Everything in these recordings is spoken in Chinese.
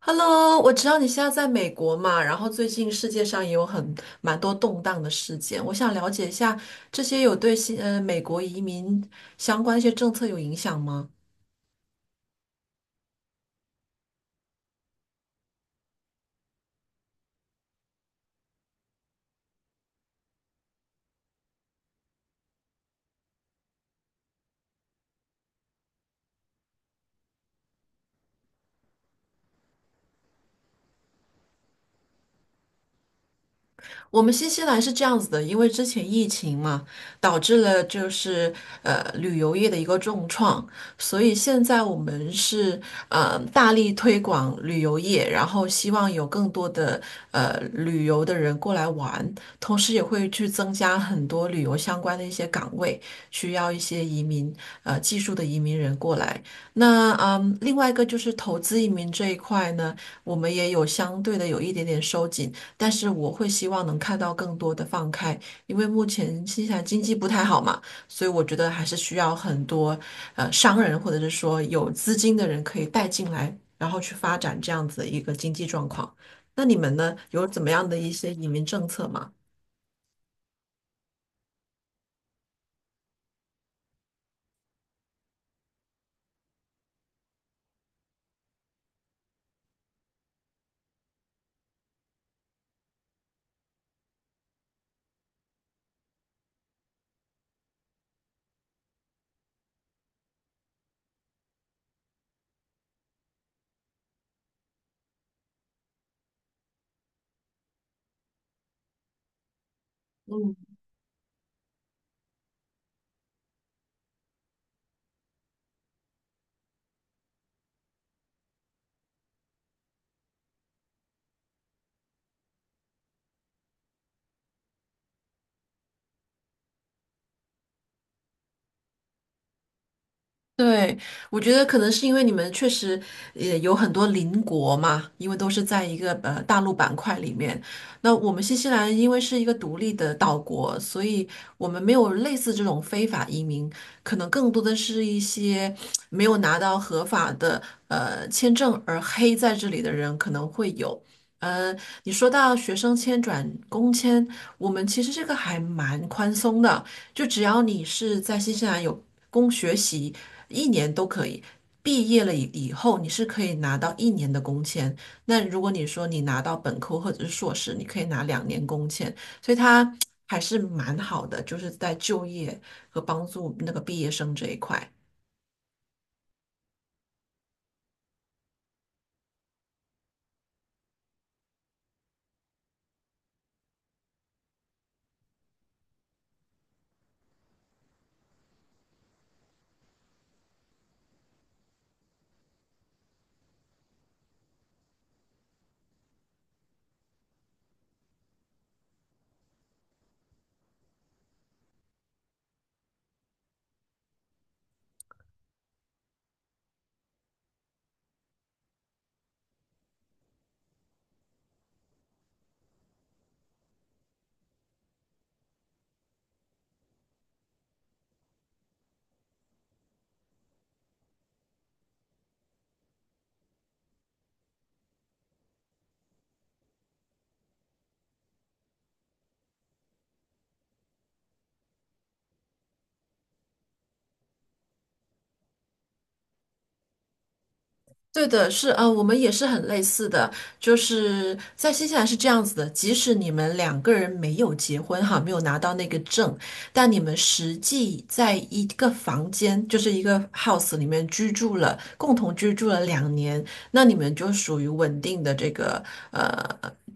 Hello，我知道你现在在美国嘛，然后最近世界上也有蛮多动荡的事件，我想了解一下这些有对美国移民相关一些政策有影响吗？我们新西兰是这样子的，因为之前疫情嘛，导致了就是旅游业的一个重创，所以现在我们是大力推广旅游业，然后希望有更多的旅游的人过来玩，同时也会去增加很多旅游相关的一些岗位，需要一些技术的移民人过来。那，另外一个就是投资移民这一块呢，我们也有相对的有一点点收紧。但是我会希望能看到更多的放开，因为目前新西兰经济不太好嘛，所以我觉得还是需要很多商人或者是说有资金的人可以带进来，然后去发展这样子的一个经济状况。那你们呢，有怎么样的一些移民政策吗？对，我觉得可能是因为你们确实也有很多邻国嘛，因为都是在一个大陆板块里面。那我们新西兰因为是一个独立的岛国，所以我们没有类似这种非法移民，可能更多的是一些没有拿到合法的签证而黑在这里的人可能会有。呃，你说到学生签转工签，我们其实这个还蛮宽松的。就只要你是在新西兰有学习一年都可以，毕业了以后你是可以拿到一年的工签。那如果你说你拿到本科或者是硕士，你可以拿两年工签，所以它还是蛮好的，就是在就业和帮助那个毕业生这一块。对的，是，我们也是很类似的，就是在新西兰是这样子的，即使你们两个人没有结婚哈，没有拿到那个证，但你们实际在一个房间，就是一个 house 里面居住了，共同居住了两年，那你们就属于稳定的这个呃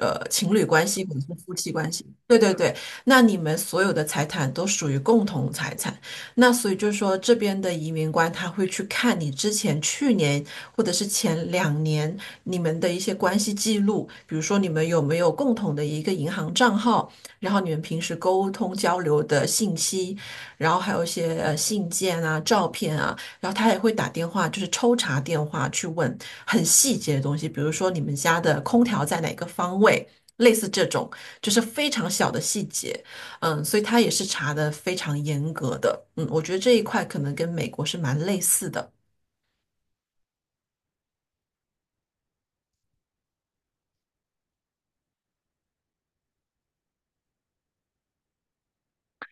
情侣关系或者是夫妻关系。对对对，那你们所有的财产都属于共同财产。那所以就是说，这边的移民官他会去看你之前去年或者是前2年你们的一些关系记录，比如说你们有没有共同的一个银行账号，然后你们平时沟通交流的信息，然后还有一些信件啊、照片啊，然后他也会打电话，就是抽查电话去问很细节的东西，比如说你们家的空调在哪个方位。类似这种，就是非常小的细节，所以他也是查的非常严格的，我觉得这一块可能跟美国是蛮类似的。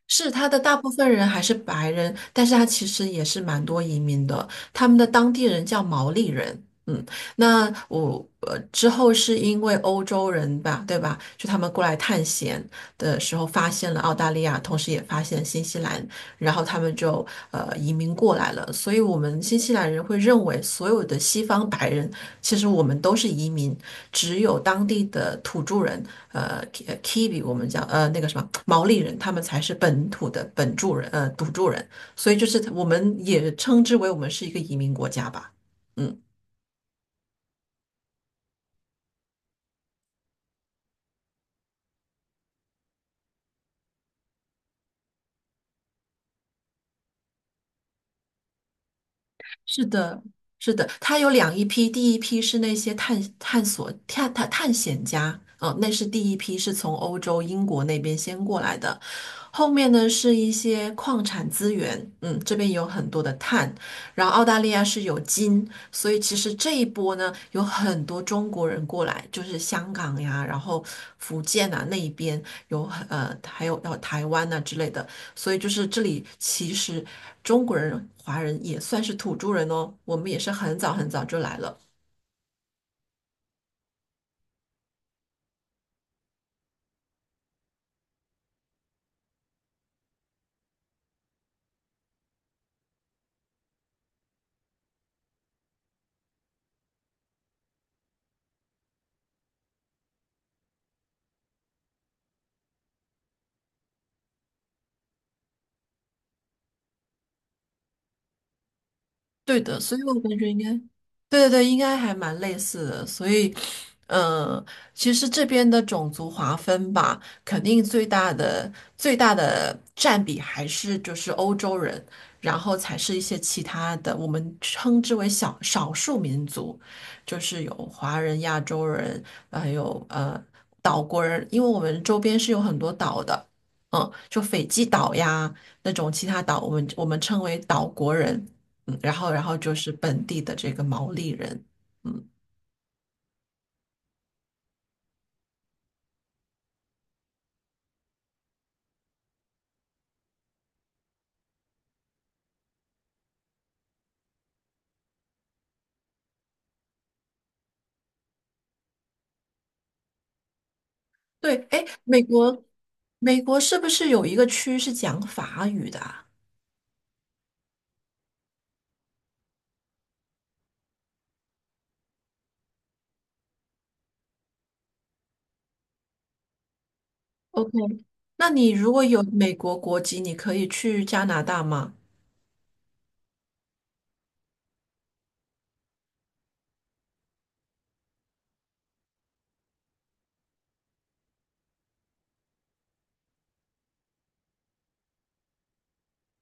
是他的大部分人还是白人，但是他其实也是蛮多移民的，他们的当地人叫毛利人。嗯，那我之后是因为欧洲人吧，对吧？就他们过来探险的时候发现了澳大利亚，同时也发现新西兰，然后他们就移民过来了。所以，我们新西兰人会认为所有的西方白人，其实我们都是移民，只有当地的土著人，Kiwi 我们叫呃那个什么毛利人，他们才是本土的本住人，土著人。所以，就是我们也称之为我们是一个移民国家吧。嗯，是的。是的，他有一批，第一批是那些探探索探探探险家，那是第一批是从欧洲英国那边先过来的，后面呢是一些矿产资源，这边有很多的碳，然后澳大利亚是有金，所以其实这一波呢有很多中国人过来，就是香港呀，然后福建啊那一边还有到台湾呐、之类的，所以就是这里其实中国人、华人也算是土著人哦，我们也是很早很早就来了。对的，所以我感觉应该，对对对，应该还蛮类似的。所以，呃，其实这边的种族划分吧，肯定最大的占比还是就是欧洲人，然后才是一些其他的，我们称之为小少数民族，就是有华人、亚洲人，还有岛国人，因为我们周边是有很多岛的，就斐济岛呀那种其他岛，我们称为岛国人。然后就是本地的这个毛利人，嗯，对，哎，美国是不是有一个区是讲法语的啊？OK，那你如果有美国国籍，你可以去加拿大吗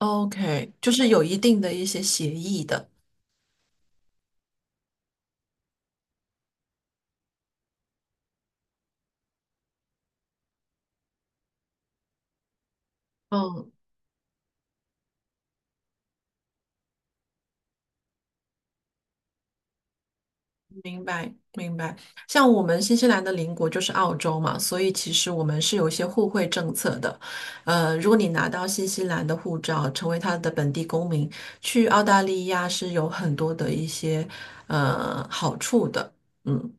？OK，就是有一定的一些协议的。嗯明白，明白。像我们新西兰的邻国就是澳洲嘛，所以其实我们是有一些互惠政策的。如果你拿到新西兰的护照，成为他的本地公民，去澳大利亚是有很多的一些好处的。嗯，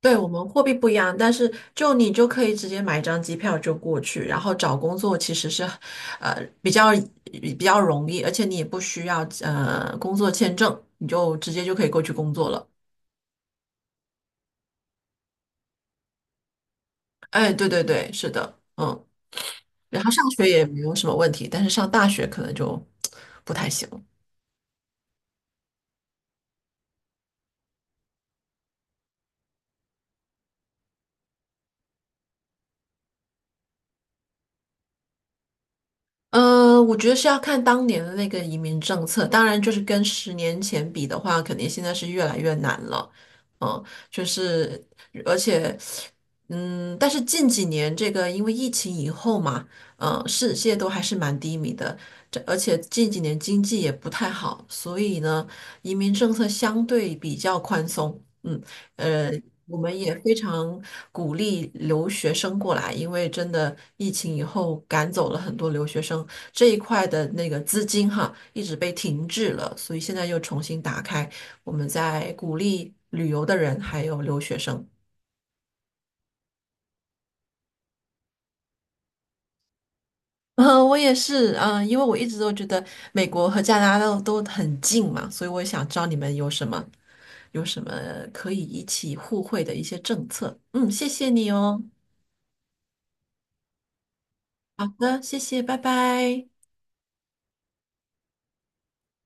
对，我们货币不一样，但是就你就可以直接买一张机票就过去，然后找工作其实是呃比较比较容易，而且你也不需要工作签证，你就直接就可以过去工作了。哎，对对对，是的，然后上学也没有什么问题，但是上大学可能就不太行。我觉得是要看当年的那个移民政策，当然就是跟10年前比的话，肯定现在是越来越难了。嗯，就是而且，但是近几年这个因为疫情以后嘛，世界都还是蛮低迷的，而且近几年经济也不太好，所以呢，移民政策相对比较宽松。嗯。呃，我们也非常鼓励留学生过来，因为真的疫情以后赶走了很多留学生，这一块的那个资金哈一直被停滞了，所以现在又重新打开，我们在鼓励旅游的人还有留学生。我也是，因为我一直都觉得美国和加拿大都很近嘛，所以我也想知道你们有什么有什么可以一起互惠的一些政策。嗯，谢谢你哦。好的，谢谢，拜拜。